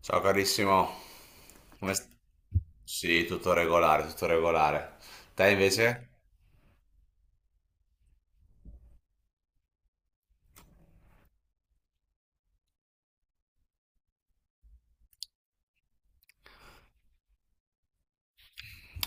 Ciao carissimo. come st- Sì, tutto regolare, tutto regolare. Te invece?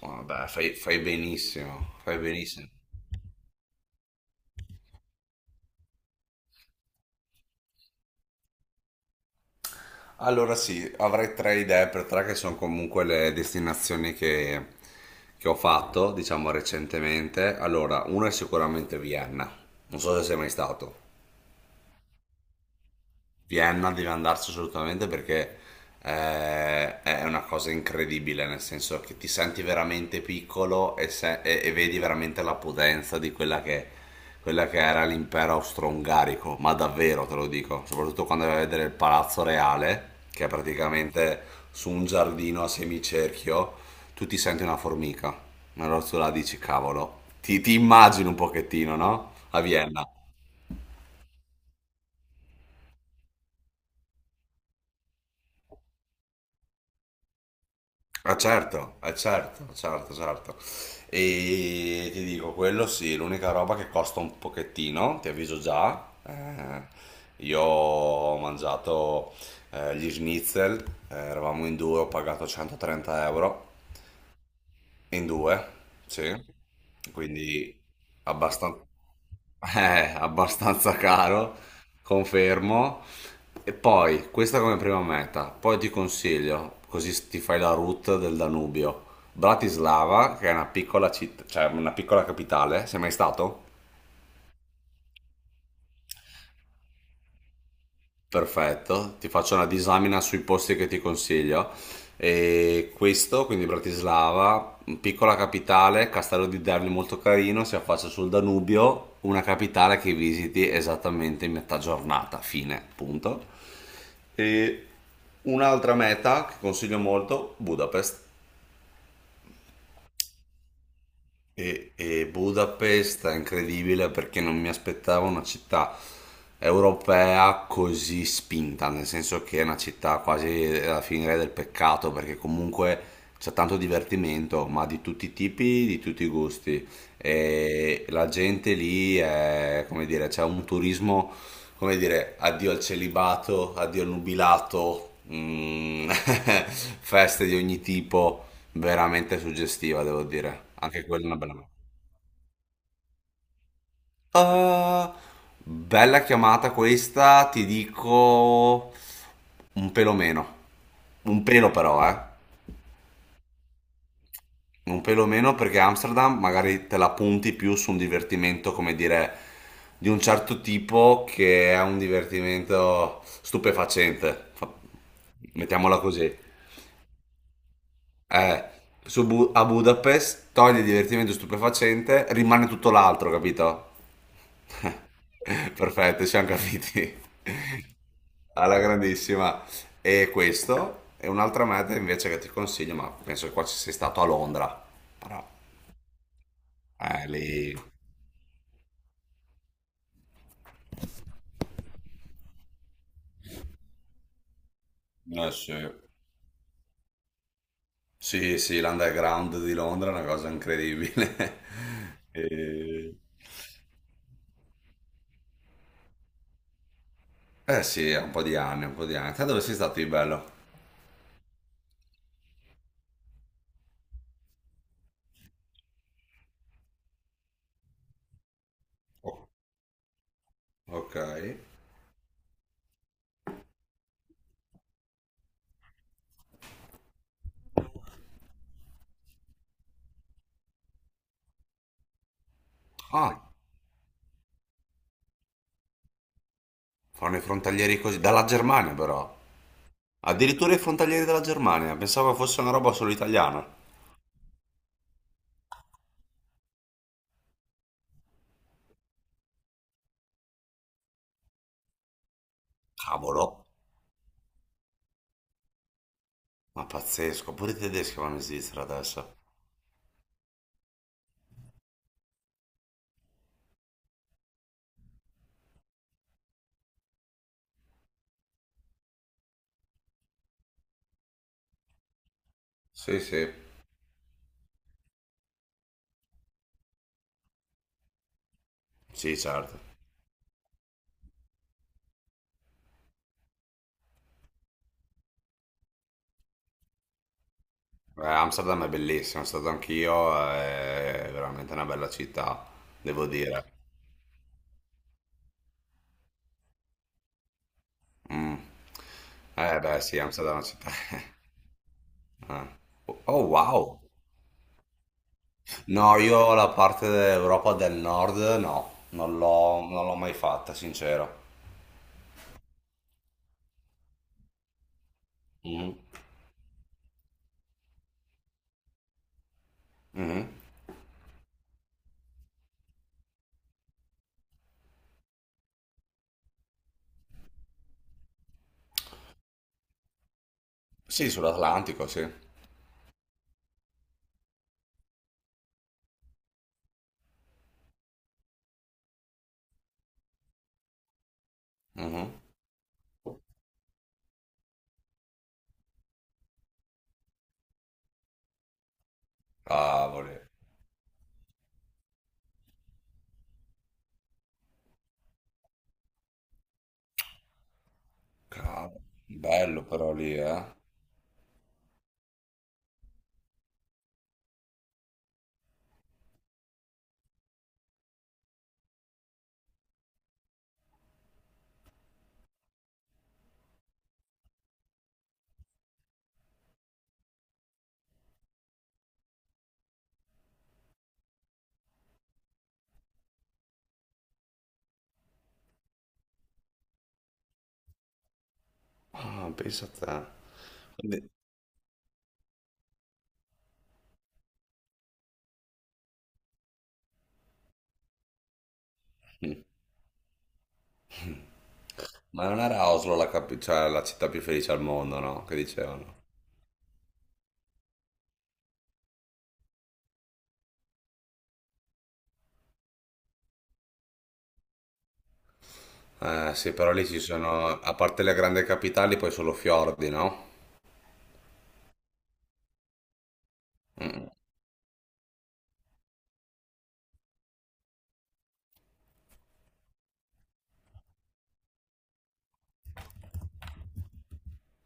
Vabbè, fai benissimo, fai benissimo. Allora sì, avrei tre idee per tre che sono comunque le destinazioni che ho fatto, diciamo recentemente. Allora, una è sicuramente Vienna, non so se sei mai stato. Vienna deve andarsi assolutamente perché è una cosa incredibile, nel senso che ti senti veramente piccolo e vedi veramente la potenza di quella che era l'impero austro-ungarico, ma davvero te lo dico, soprattutto quando vai a vedere il Palazzo Reale, che è praticamente su un giardino a semicerchio, tu ti senti una formica, allora tu la dici, cavolo, ti immagini un pochettino, no? A Vienna. Ah certo, certo, certo, certo. E ti dico, quello sì, l'unica roba che costa un pochettino, ti avviso già. Eh, io ho mangiato gli schnitzel, eravamo in due, ho pagato 130 euro. In due, sì, quindi abbastan- abbastanza caro, confermo. E poi, questa come prima meta, poi ti consiglio, così ti fai la route del Danubio. Bratislava, che è una piccola città, cioè una piccola capitale, sei mai stato? Perfetto, ti faccio una disamina sui posti che ti consiglio. E questo, quindi Bratislava, piccola capitale, castello di Derli molto carino, si affaccia sul Danubio, una capitale che visiti esattamente in metà giornata, fine, punto. E un'altra meta che consiglio molto, Budapest. E Budapest è incredibile perché non mi aspettavo una città europea così spinta, nel senso che è una città quasi alla fine del peccato, perché comunque c'è tanto divertimento, ma di tutti i tipi, di tutti i gusti. E la gente lì è, come dire, c'è un turismo come dire, addio al celibato, addio al nubilato, feste di ogni tipo, veramente suggestiva, devo dire. Anche quella è una bella mano. Ah, bella chiamata questa, ti dico un pelo meno. Un pelo però, eh. Un pelo meno perché Amsterdam magari te la punti più su un divertimento, come dire, di un certo tipo che è un divertimento stupefacente. Mettiamola così. Eh, a Budapest togli il divertimento stupefacente, rimane tutto l'altro, capito? Perfetto, ci siamo capiti. Alla grandissima. E questo è un'altra meta invece che ti consiglio, ma penso che qua ci sei stato a Londra. Però, eh, lì... Eh sì. Sì, sì, l'underground di Londra è una cosa incredibile. E- Eh sì, ha un po' di anni, un po' di anni. Te dove sei stato di bello? Oh, ok. Ah, fanno i frontalieri così, dalla Germania però. Addirittura i frontalieri della Germania, pensavo fosse una roba solo italiana. Cavolo, ma pazzesco, pure i tedeschi vanno in Svizzera adesso. Sì, sì. Sì, certo. Amsterdam è bellissima, sono stato anch'io, è veramente una bella città, devo dire. Mh. Eh beh sì, Amsterdam è una città eh. Oh wow! No, io la parte dell'Europa del Nord no, non l'ho mai fatta, sincero. Mh. Mh. Sì, sull'Atlantico, sì. Mh-mh. Cavoli, cavoli. Bello però lì, eh. Ah, pensa a te. Quindi- mh. Ma non era Oslo cioè, la città più felice al mondo, no? Che dicevano. Eh sì, però lì ci sono, a parte le grandi capitali, poi solo fiordi, no?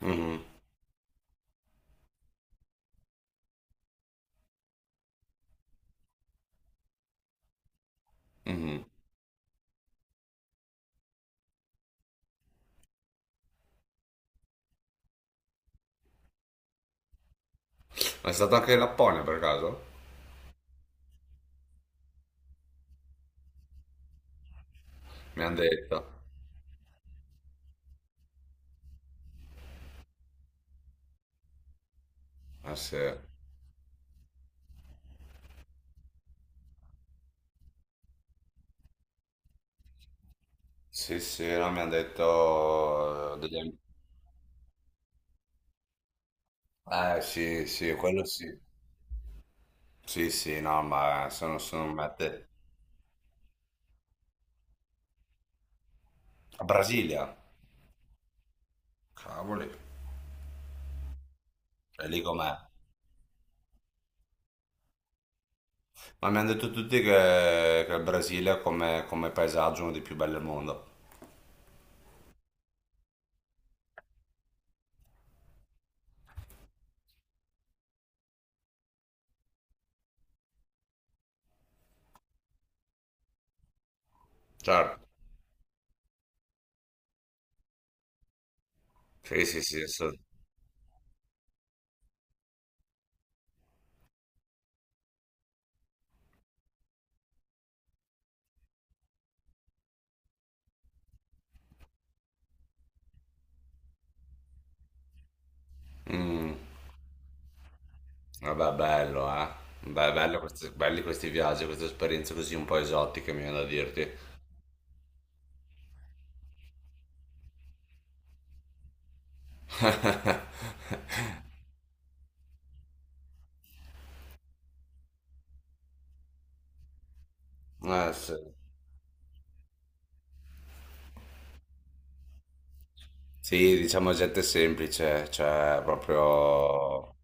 Mhm. Mhm. È stato anche in Lapponia per caso? Mi hanno detto. Eh sì. Sì, sì, no, mi hanno detto degli amici. Eh sì, sì, quello sì. Sì, sì, no, ma sono mette. A Brasilia. Cavoli. È lì com'è. Ma mi hanno detto tutti che il Brasile come paesaggio è uno dei più belli al mondo. Certo. Sì, sì, sì. sì. Mm, vabbè, bello, eh. Beh, bello questi, belli questi viaggi, queste esperienze così un po' esotiche, mi viene da dirti. Sì. Sì, diciamo gente semplice, cioè proprio...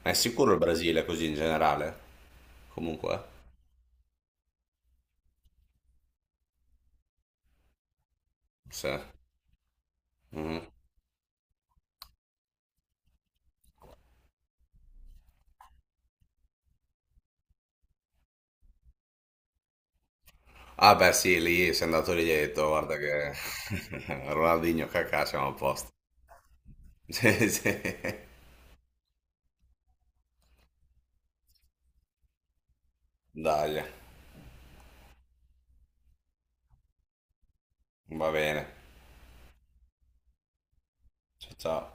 Ma è sicuro il Brasile così in generale? Comunque, sì. Mhm. Ah beh sì, lì sei andato lì e hai detto, guarda che Ronaldinho cacà siamo a posto. Sì, sì. Dai, va bene. Ciao ciao.